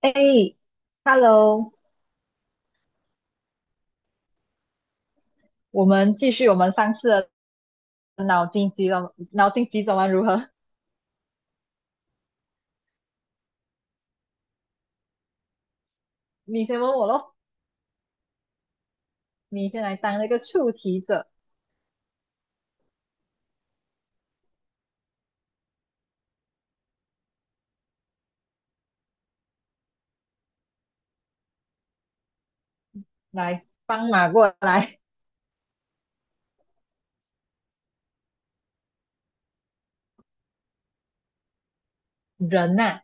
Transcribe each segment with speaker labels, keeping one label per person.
Speaker 1: 哎，Hello，我们继续我们上次的脑筋急转脑筋急转弯如何？你先问我咯，你先来当那个出题者，来帮马过来。人呐、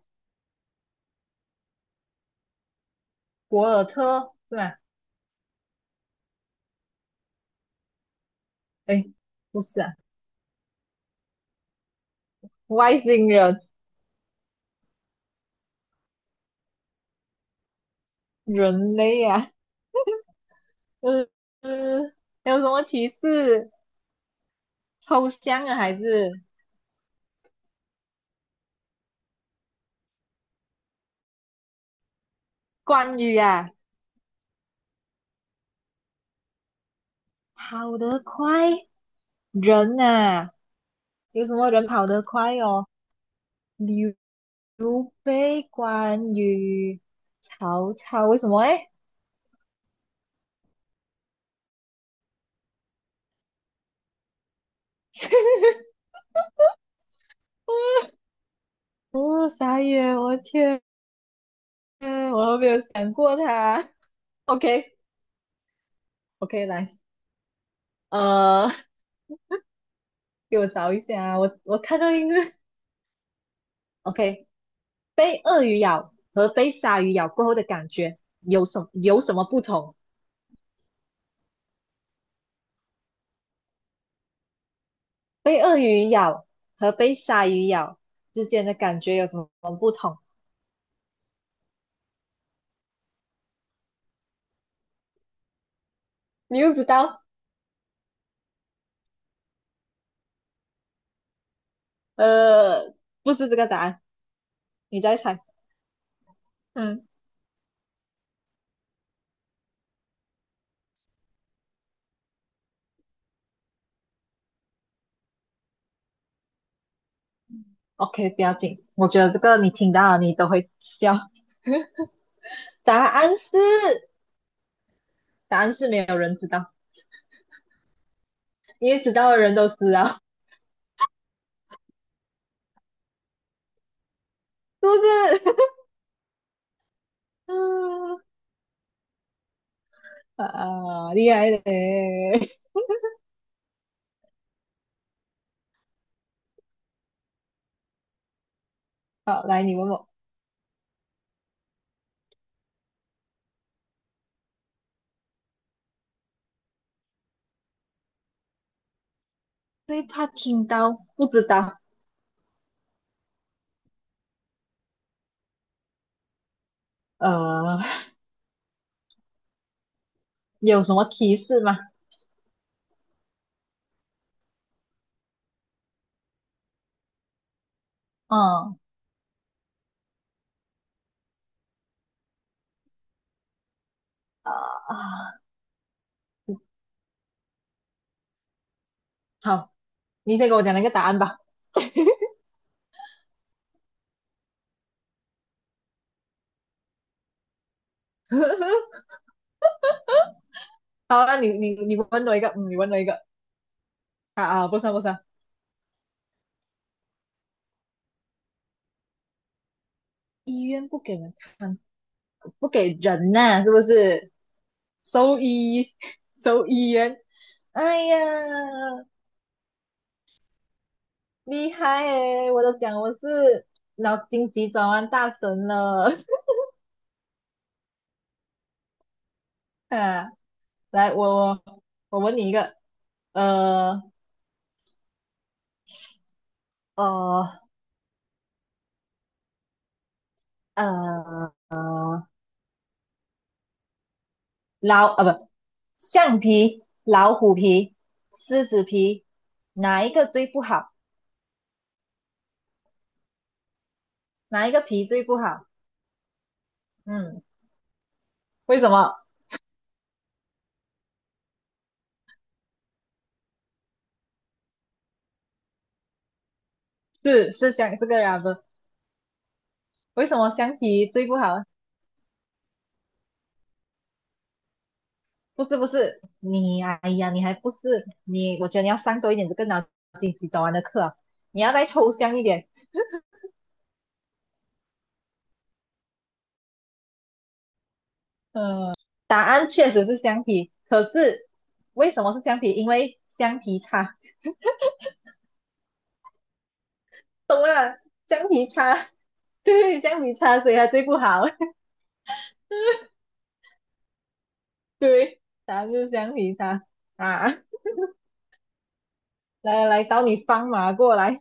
Speaker 1: 博尔特是吧？哎，不是啊，外星人，人类啊，嗯嗯，还有什么提示？抽象啊，还是关于啊？跑得快，人呐、有什么人跑得快哦？刘刘备、关羽、曹操，为什么诶？哦，傻眼！我的天，我都没有想过他。OK，OK，来，呃，给我找一下啊，我看到一个，OK，被鳄鱼咬和被鲨鱼咬过后的感觉有什么不同？被鳄鱼咬和被鲨鱼咬之间的感觉有什么不同？你又不知道？呃，不是这个答案，你再猜。嗯。OK，不要紧，我觉得这个你听到了你都会笑。答案是，答案是没有人知道，因为知道的人都知道，是不是？啊，厉害嘞！好，来你问我，最怕听到不知道，呃，有什么提示吗？嗯啊啊，好，你先给我讲那个答案吧。好，那你问我一个，你问我一个，啊啊，不算不算，医院不给人看，不给人呐、啊是不是？兽医，兽医员。哎呀，厉害诶！我都讲我是脑筋急转弯大神了。啊，来，我问你一个，呃呃呃，老啊不，橡皮、老虎皮、狮子皮，哪一个最不好？哪一个皮最不好？嗯，为什么？是象这个 rubber，为什么橡皮最不好？不是不是，哎呀，你还不是你？我觉得你要上多一点这个脑筋急转弯的课啊，你要再抽象一点。答案确实是橡皮，可是为什么是橡皮？因为橡皮擦，懂了？橡皮擦，对，橡皮擦，所以它最不好。对，答案就是橡皮擦啊！来来，到你放马过来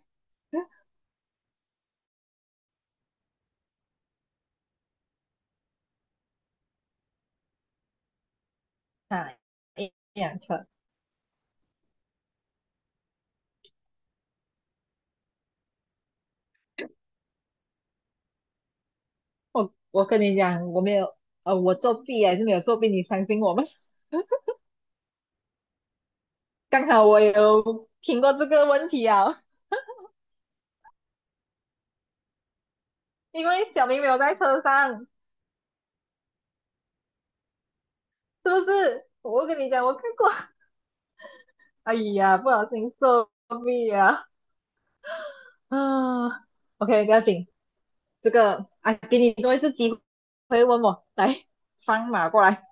Speaker 1: 啊！一辆车，我跟你讲，我没有，我作弊还是没有作弊，你相信我吗？刚好我有听过这个问题啊，因为小明没有在车上，是不是？我跟你讲，我看过。哎呀，不小心作弊啊！啊，OK，不要紧，这个啊，给你多一次机会问我，来放马过来。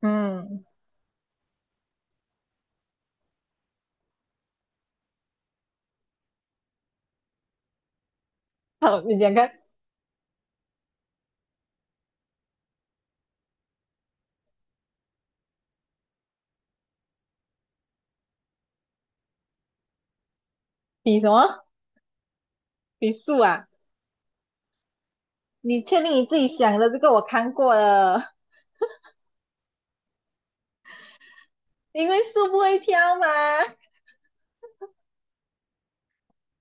Speaker 1: 嗯，好，你讲看，比什么？比树啊？你确定你自己想的这个我看过了？因为树不会跳嘛。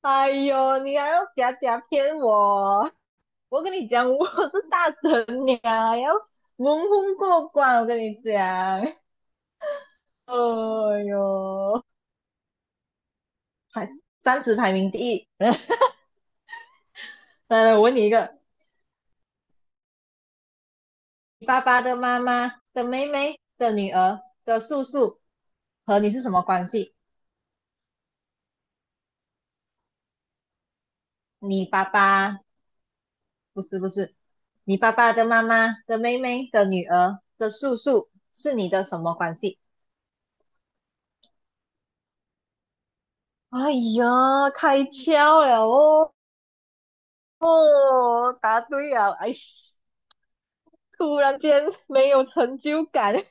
Speaker 1: 哎呦，你还要假假骗我？我跟你讲，我是大神娘，要蒙混过关。我跟你讲，哎呦，还三十排名第一。来来，我问你一个：爸爸的妈妈的妹妹的女儿的叔叔和你是什么关系？你爸爸不是不是，你爸爸的妈妈的妹妹的女儿的叔叔是你的什么关系？哎呀，开窍了哦！哦，答对了，哎。突然间没有成就感。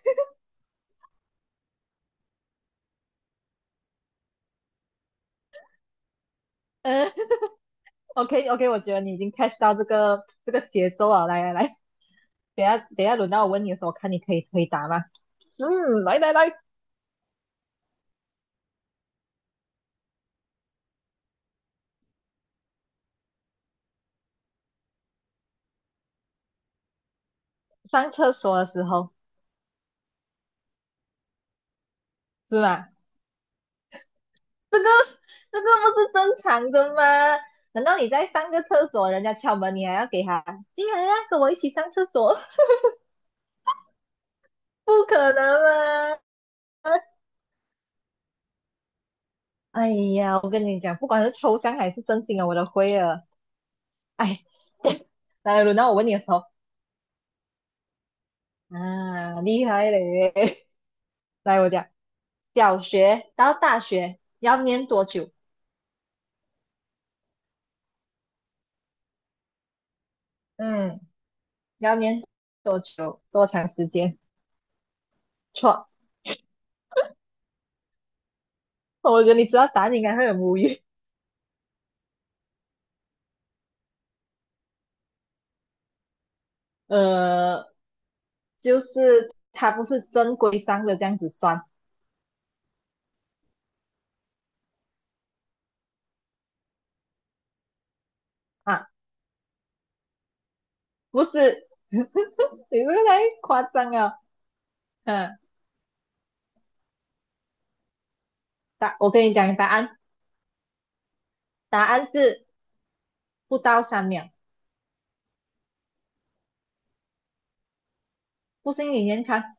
Speaker 1: 嗯，OK OK，我觉得你已经 catch 到这个节奏了。来来来，等下等下轮到我问你的时候，我看你可以回答吗？嗯，来来来，上厕所的时候是吗？这个这个不是正常的吗？难道你在上个厕所，人家敲门，你还要给他进来啊，跟我一起上厕所？不可能吗？哎呀，我跟你讲，不管是抽象还是正经啊，我都会了。哎，来轮到我问你的时候，啊，厉害嘞！来，我讲，小学到大学要念多久？嗯，要念多久？多长时间？错，我觉得你知道答案应该会很无语。呃，就是它不是正规上的这样子算啊，不是，你这个太夸张了。嗯，我跟你讲答案，答案是不到三秒。不信你先看，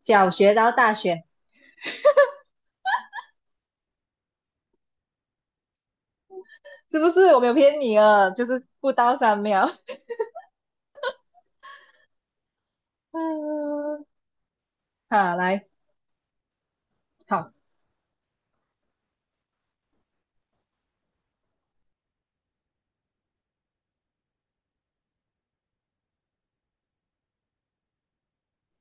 Speaker 1: 小学到大学是不是？我没有骗你啊，就是不到三秒。嗯，好，来，好，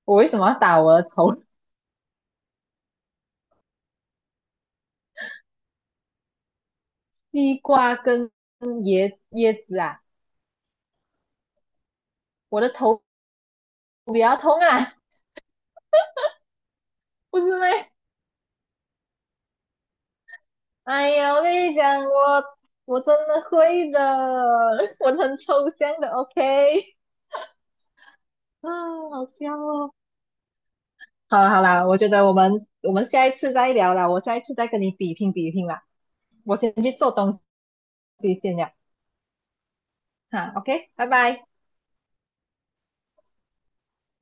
Speaker 1: 我为什么要打我的头？西瓜跟椰子啊，我的头比较痛啊，不是咩？哎呀，我跟你讲，我真的会的，我很抽象的，OK？啊，好笑哦。好啦好啦，我觉得我们下一次再聊啦，我下一次再跟你比拼比拼啦，我先去做东西先了，哈，OK，拜拜。